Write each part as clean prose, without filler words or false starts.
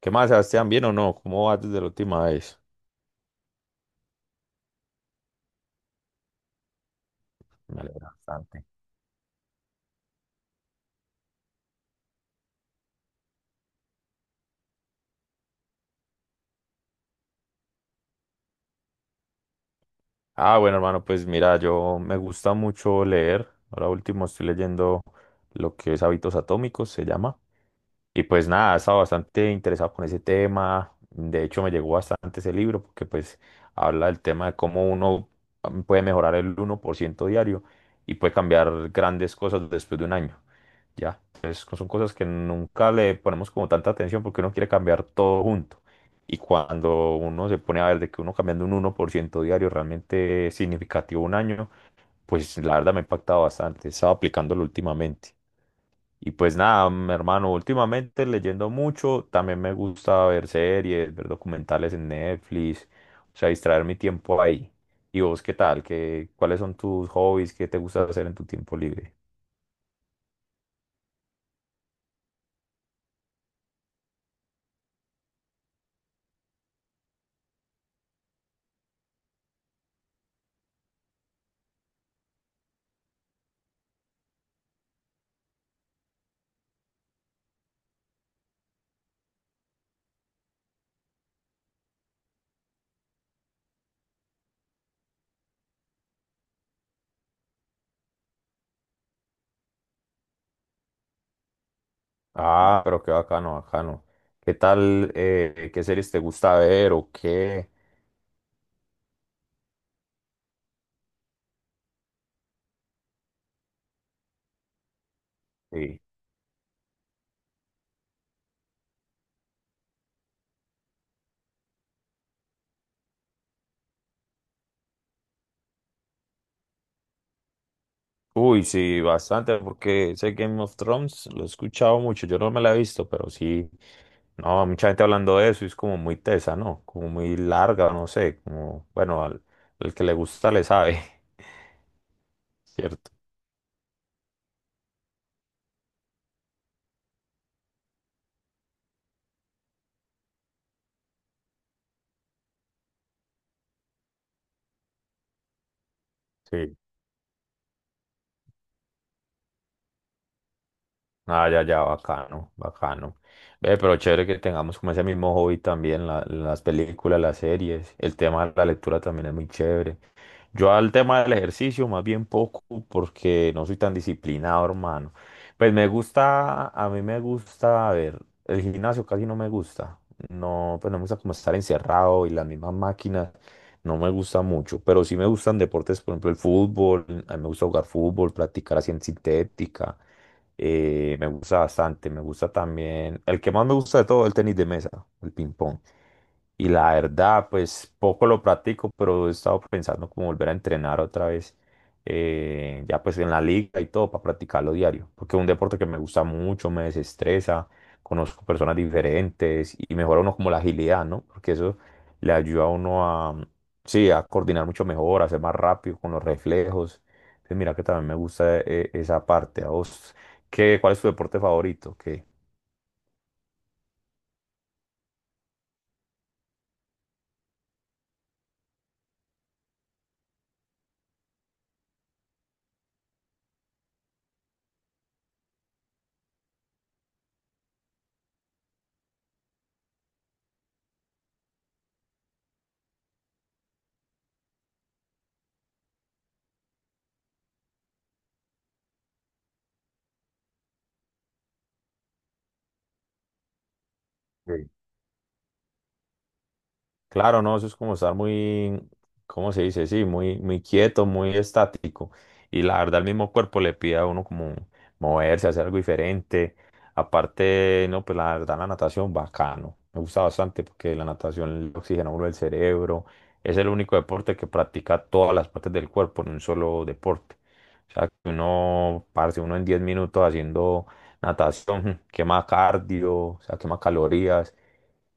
¿Qué más, Sebastián? ¿Bien o no? ¿Cómo vas desde la última vez? Me alegra bastante. Ah, bueno, hermano, pues mira, yo me gusta mucho leer. Ahora último estoy leyendo lo que es Hábitos Atómicos, se llama. Y pues nada, he estado bastante interesado con ese tema. De hecho, me llegó bastante ese libro porque pues habla del tema de cómo uno puede mejorar el 1% diario y puede cambiar grandes cosas después de un año. Ya, entonces son cosas que nunca le ponemos como tanta atención porque uno quiere cambiar todo junto. Y cuando uno se pone a ver de que uno cambiando un 1% diario realmente es significativo un año, pues la verdad me ha impactado bastante. He estado aplicándolo últimamente. Y pues nada, mi hermano, últimamente leyendo mucho, también me gusta ver series, ver documentales en Netflix, o sea, distraer mi tiempo ahí. ¿Y vos qué tal? ¿Cuáles son tus hobbies? ¿Qué te gusta hacer en tu tiempo libre? Ah, pero qué bacano, bacano. ¿Qué tal? ¿Qué series te gusta ver o qué? Sí. Uy, sí, bastante, porque ese Game of Thrones lo he escuchado mucho, yo no me la he visto, pero sí, no, mucha gente hablando de eso, y es como muy tesa, ¿no? Como muy larga, no sé, como, bueno, al que le gusta le sabe, ¿cierto? Sí. Ah, ya, ya, bacano, bacano. Ve, pero chévere que tengamos como ese mismo hobby también, las películas, las series, el tema de la lectura también es muy chévere. Yo al tema del ejercicio más bien poco porque no soy tan disciplinado, hermano. Pues me gusta, a mí me gusta, a ver, el gimnasio casi no me gusta. No, pues no me gusta como estar encerrado y las mismas máquinas, no me gusta mucho. Pero sí me gustan deportes, por ejemplo, el fútbol, a mí me gusta jugar fútbol, practicar así en sintética. Me gusta bastante, me gusta también. El que más me gusta de todo, el tenis de mesa, el ping pong. Y la verdad, pues poco lo practico, pero he estado pensando como volver a entrenar otra vez, ya pues en la liga y todo, para practicarlo diario. Porque es un deporte que me gusta mucho, me desestresa, conozco personas diferentes y mejora uno como la agilidad, ¿no? Porque eso le ayuda a uno a, sí, a coordinar mucho mejor, a ser más rápido con los reflejos. Entonces, mira que también me gusta esa parte. A vos. ¿Cuál es tu deporte favorito? ¿Qué? Sí. Claro, no, eso es como estar muy, ¿cómo se dice? Sí, muy, muy quieto, muy estático. Y la verdad, el mismo cuerpo le pide a uno como moverse, hacer algo diferente. Aparte, no, pues la verdad, la natación, bacano. Me gusta bastante porque la natación le oxigena a uno el cerebro. Es el único deporte que practica todas las partes del cuerpo en un solo deporte. O sea, que uno, parce, uno en 10 minutos haciendo natación, quema cardio, o sea, quema calorías.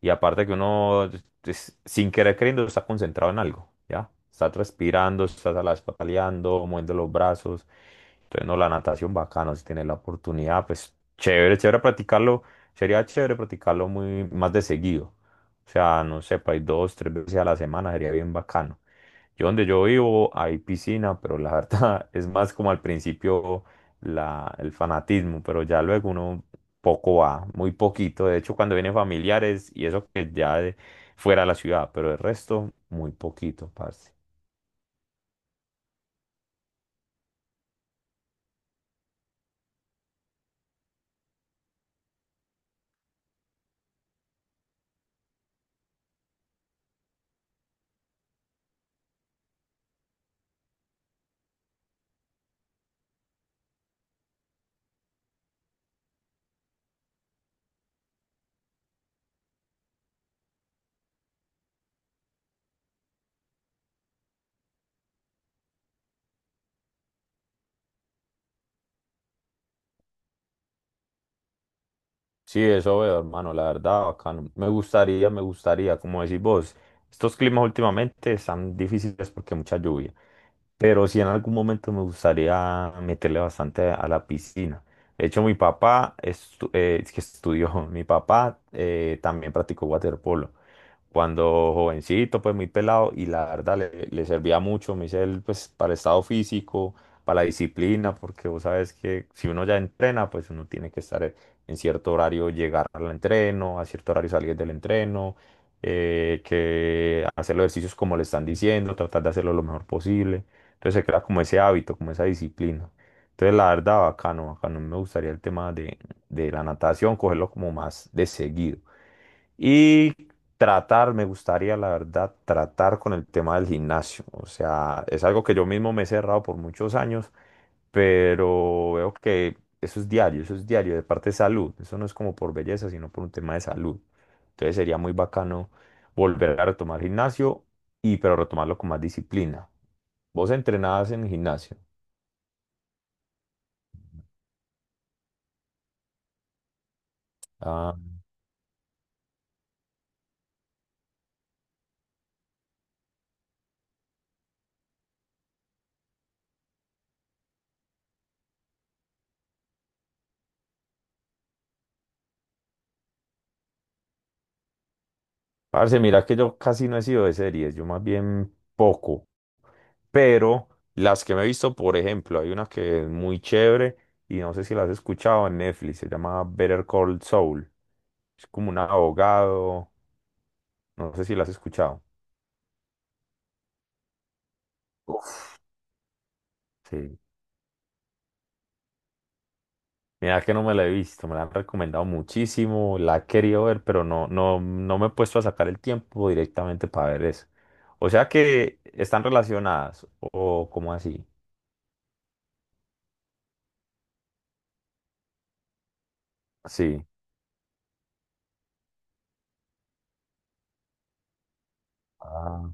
Y aparte que uno, sin querer queriendo, está concentrado en algo, ¿ya? Estás respirando, estás a la vez pataleando, moviendo los brazos. Entonces, no, la natación bacano, si tienes la oportunidad, pues chévere, chévere practicarlo. Sería chévere practicarlo muy más de seguido. O sea, no sé, para 2, 3 veces a la semana sería bien bacano. Yo donde yo vivo hay piscina, pero la verdad es más como al principio el fanatismo, pero ya luego uno poco va, muy poquito. De hecho, cuando vienen familiares y eso que ya fuera de la ciudad, pero el resto, muy poquito, parce. Sí, eso veo, hermano, la verdad, bacano. Me gustaría, como decís vos, estos climas últimamente están difíciles porque mucha lluvia. Pero sí en algún momento me gustaría meterle bastante a la piscina. De hecho, mi papá es que estudió, mi papá también practicó waterpolo. Cuando jovencito, pues muy pelado, y la verdad le servía mucho, me dice él, pues para el estado físico, para la disciplina, porque vos sabes que si uno ya entrena, pues uno tiene que estar en cierto horario, llegar al entreno, a cierto horario salir del entreno, que hacer los ejercicios como le están diciendo, tratar de hacerlo lo mejor posible. Entonces se crea como ese hábito, como esa disciplina. Entonces la verdad, bacano, bacano. Me gustaría el tema de la natación, cogerlo como más de seguido. Y tratar, me gustaría la verdad, tratar con el tema del gimnasio. O sea, es algo que yo mismo me he cerrado por muchos años, pero veo que eso es diario, de parte de salud. Eso no es como por belleza, sino por un tema de salud. Entonces sería muy bacano volver a retomar gimnasio y pero retomarlo con más disciplina. Vos entrenabas en gimnasio. Ah, parce, mira que yo casi no he sido de series, yo más bien poco. Pero las que me he visto, por ejemplo, hay una que es muy chévere y no sé si la has escuchado en Netflix, se llama Better Call Saul. Es como un abogado, no sé si la has escuchado. Uf, sí. Mira que no me la he visto, me la han recomendado muchísimo, la he querido ver, pero no, no, no me he puesto a sacar el tiempo directamente para ver eso. O sea que están relacionadas, o como así. Sí. Ah.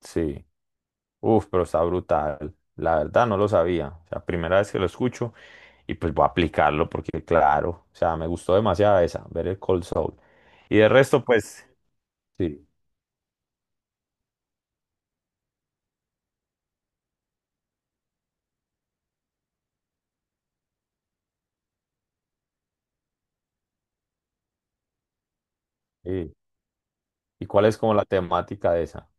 Sí. Uf, pero está brutal. La verdad no lo sabía. O sea, primera vez que lo escucho y pues voy a aplicarlo porque claro, o sea, me gustó demasiado esa, ver el Cold Soul. Y de resto, pues, sí. Sí. ¿Y cuál es como la temática de esa?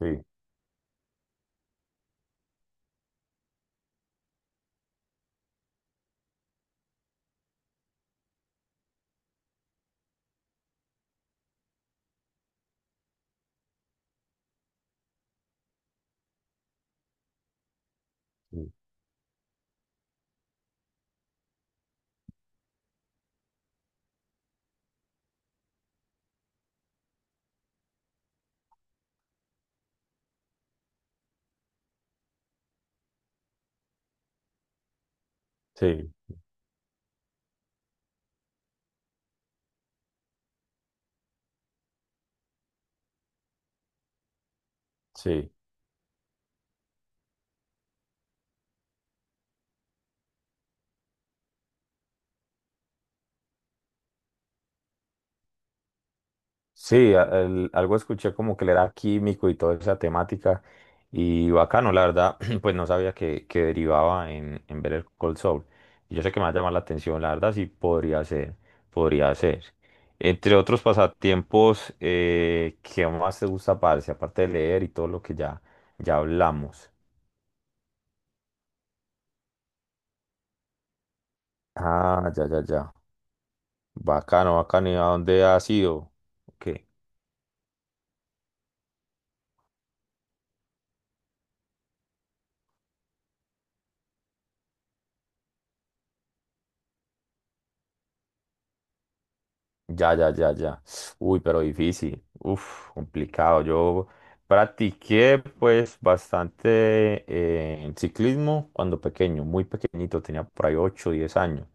Sí, sí, sí. Sí. Sí, algo escuché como que le era químico y toda esa temática. Y bacano, la verdad, pues no sabía que derivaba en ver el Cold Soul. Y yo sé que me va a llamar la atención, la verdad, sí podría ser, podría ser. Entre otros pasatiempos, ¿qué más te gusta, parce? Aparte de leer y todo lo que ya, ya hablamos. Ah, ya, ya, ya. Bacano, bacano. ¿Y a dónde has ido? Ok. Ya, ya, ya, ya. Uy, pero difícil. Uf, complicado. Yo practiqué pues bastante en ciclismo cuando pequeño, muy pequeñito, tenía por ahí 8, 10 años.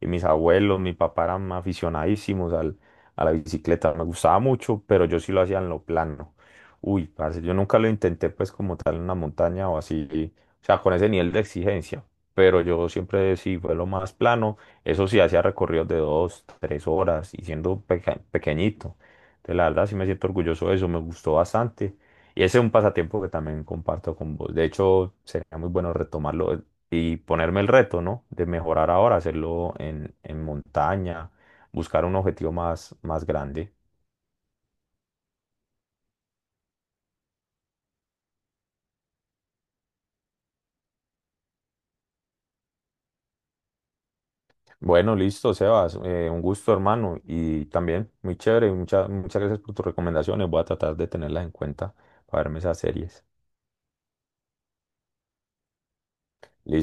Y mis abuelos, mi papá eran aficionadísimos al, a la bicicleta. Me gustaba mucho, pero yo sí lo hacía en lo plano. Uy, parce, yo nunca lo intenté pues como tal en una montaña o así. O sea, con ese nivel de exigencia. Pero yo siempre sí fue lo más plano. Eso sí, hacía recorridos de 2, 3 horas y siendo pequeñito. Entonces, la verdad, sí me siento orgulloso de eso, me gustó bastante. Y ese es un pasatiempo que también comparto con vos. De hecho, sería muy bueno retomarlo y ponerme el reto, ¿no? De mejorar ahora, hacerlo en montaña, buscar un objetivo más, más grande. Bueno, listo, Sebas. Un gusto, hermano. Y también muy chévere. Muchas, muchas gracias por tus recomendaciones. Voy a tratar de tenerlas en cuenta para verme esas series. Listo.